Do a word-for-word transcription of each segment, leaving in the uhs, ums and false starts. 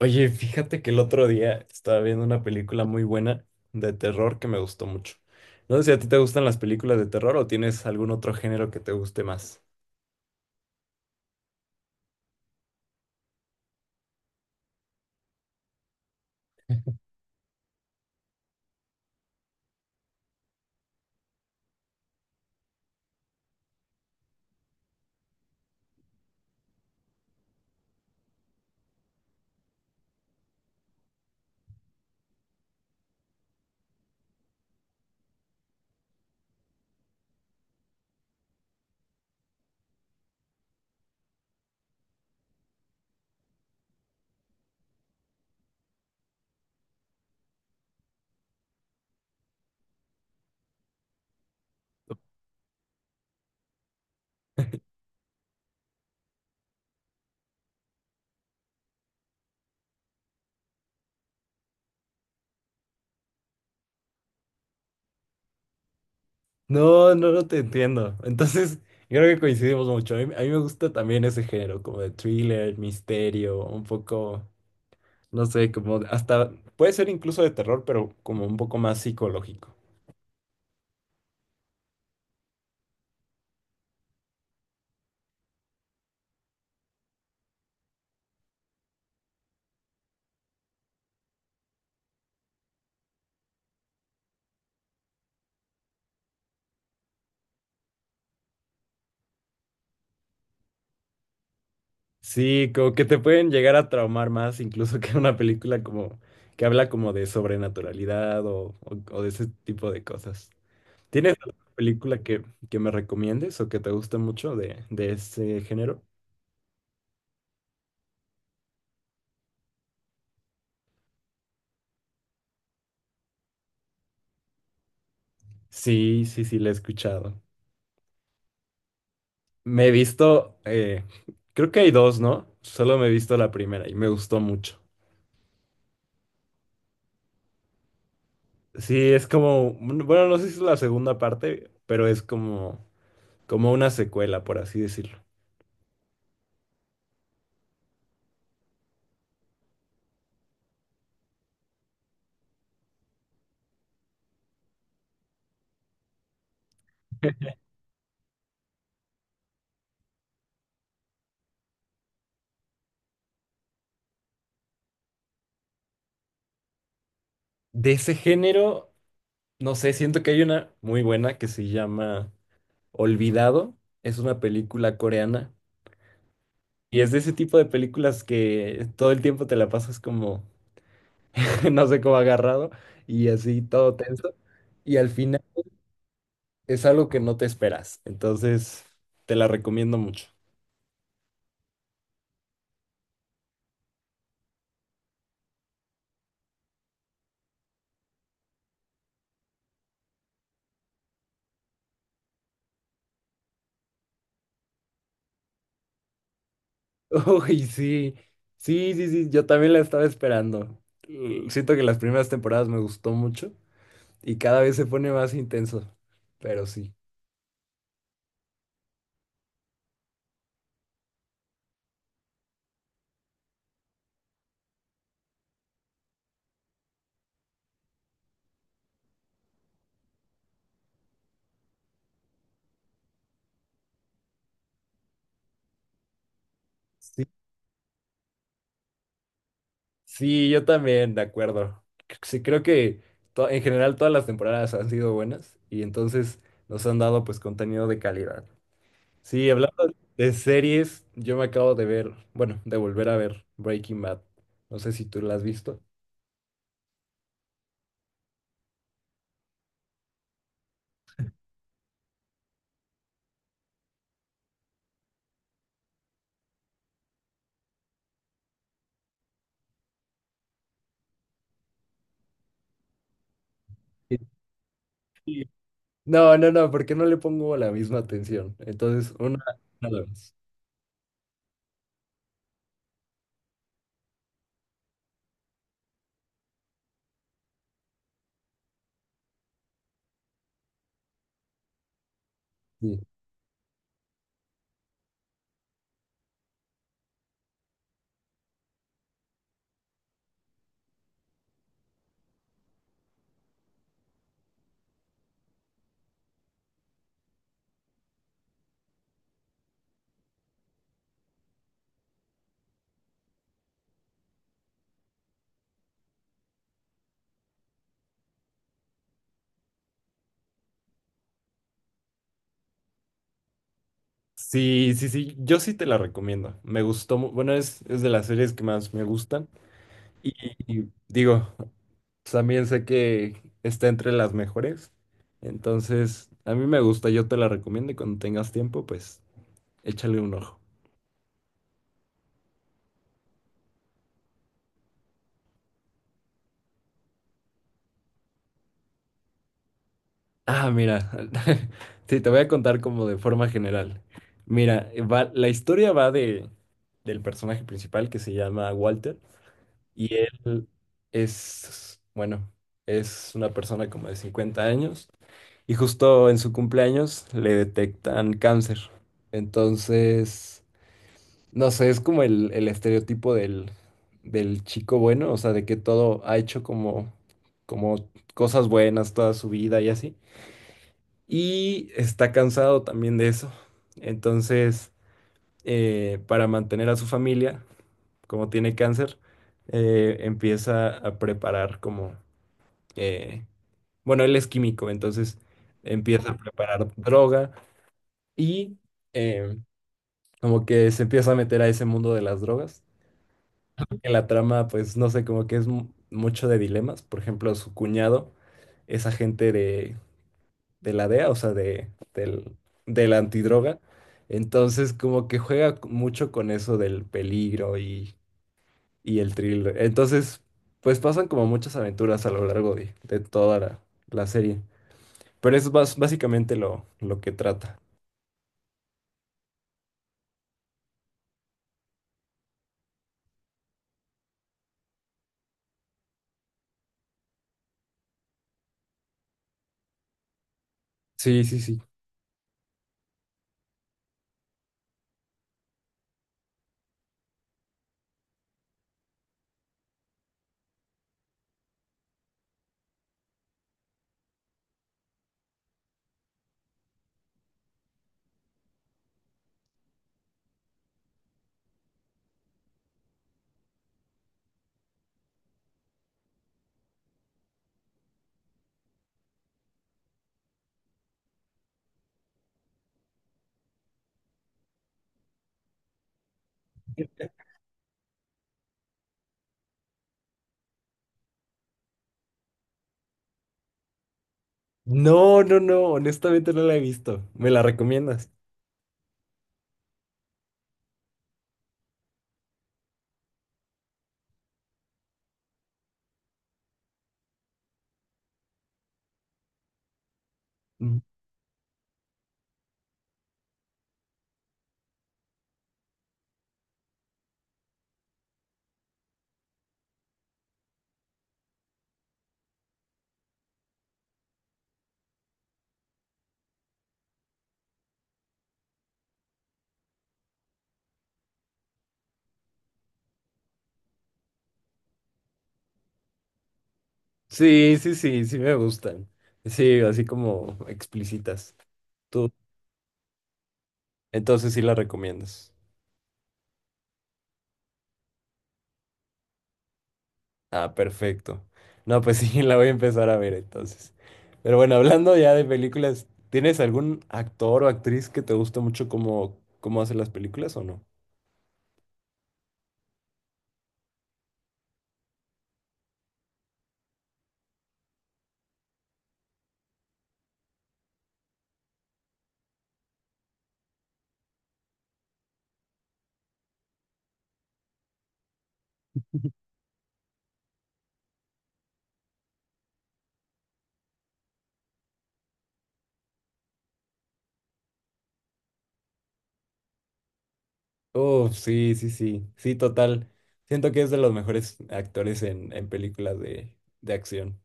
Oye, fíjate que el otro día estaba viendo una película muy buena de terror que me gustó mucho. No sé si a ti te gustan las películas de terror o tienes algún otro género que te guste más. No, no, no te entiendo. Entonces, creo que coincidimos mucho. A mí, a mí me gusta también ese género, como de thriller, misterio, un poco, no sé, como hasta, puede ser incluso de terror, pero como un poco más psicológico. Sí, como que te pueden llegar a traumar más incluso que una película como que habla como de sobrenaturalidad o, o- o de ese tipo de cosas. ¿Tienes alguna película que, que me recomiendes o que te guste mucho de, de ese género? Sí, sí, sí, la he escuchado. Me he visto, eh, creo que hay dos, ¿no? Solo me he visto la primera y me gustó mucho. Sí, es como, un- bueno, no sé si es la segunda parte, pero es como, como una secuela, por así decirlo. De ese género. No sé, siento que hay una muy buena que se llama Olvidado. Es una película coreana. Y es de ese tipo de películas que todo el tiempo te la pasas como, no sé cómo agarrado y así todo tenso. Y al final es algo que no te esperas. Entonces, te la recomiendo mucho. Uy, sí, sí, sí, sí, yo también la estaba esperando. Mm, Siento que las primeras temporadas me gustó mucho y cada vez se pone más intenso. Pero sí. Sí, yo también, de acuerdo. C- Sí, creo que to- en general todas las temporadas han sido buenas y entonces nos han dado pues contenido de calidad. Sí, hablando de series, yo me acabo de ver, bueno, de volver a ver Breaking Bad. No sé si tú la has visto. Sí. No, no, no, porque no le pongo la misma atención. Entonces, una, a la vez. Sí. Sí, sí, sí, yo sí te la recomiendo. Me gustó, mu- bueno, es, es de las series que más me gustan. Y, y digo, también sé que está entre las mejores. Entonces, a mí me gusta, yo te la recomiendo y cuando tengas tiempo, pues échale un ojo. Ah, mira, sí, te voy a contar como de forma general. Mira, va, la historia va de, del personaje principal que se llama Walter y él es, bueno, es una persona como de cincuenta años y justo en su cumpleaños le detectan cáncer. Entonces… No sé, es como el, el estereotipo del, del chico bueno, o sea, de que todo ha hecho como, como cosas buenas toda su vida y así. Y está cansado también de eso. Entonces, eh, para mantener a su familia, como tiene cáncer, eh, empieza a preparar como, eh, bueno, él es químico, entonces empieza a preparar droga y eh, como que se empieza a meter a ese mundo de las drogas. En la trama, pues no sé, como que es mu- mucho de dilemas. Por ejemplo, su cuñado es agente de, de la D E A, o sea, de, del, de la antidroga. Entonces, como que juega c- mucho con eso del peligro y, y el thriller. Entonces, pues pasan como muchas aventuras a lo largo de, de toda la, la serie. Pero eso es bas- básicamente lo, lo que trata. Sí, sí, sí. No, no, no, honestamente no la he visto. ¿Me la recomiendas? Sí, sí, sí, sí me gustan. Sí, así como explícitas. Tú, entonces sí la recomiendas. Ah, perfecto. No, pues sí, la voy a empezar a ver entonces. Pero bueno, hablando ya de películas, ¿tienes algún actor o actriz que te guste mucho cómo, cómo hace las películas o no? Oh, sí, sí, sí. Sí, total. Siento que es de los mejores actores en, en películas de, de acción.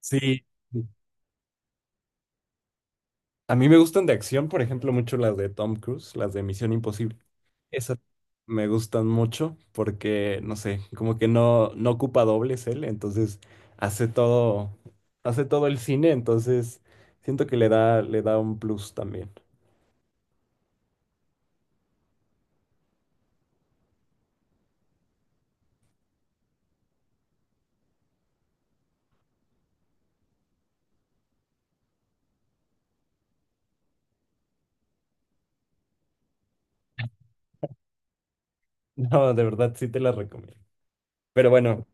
Sí. A mí me gustan de acción, por ejemplo, mucho las de Tom Cruise, las de Misión Imposible. Esas me gustan mucho porque, no sé, como que no, no ocupa dobles él, entonces hace todo, hace todo el cine, entonces siento que le da, le da un plus también. No, de verdad sí te las recomiendo. Pero bueno,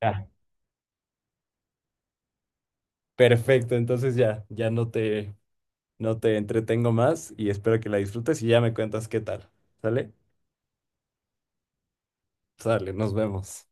ya, perfecto, entonces ya, ya no te, no te entretengo más y espero que la disfrutes y ya me cuentas qué tal. ¿Sale? Sale, nos vemos.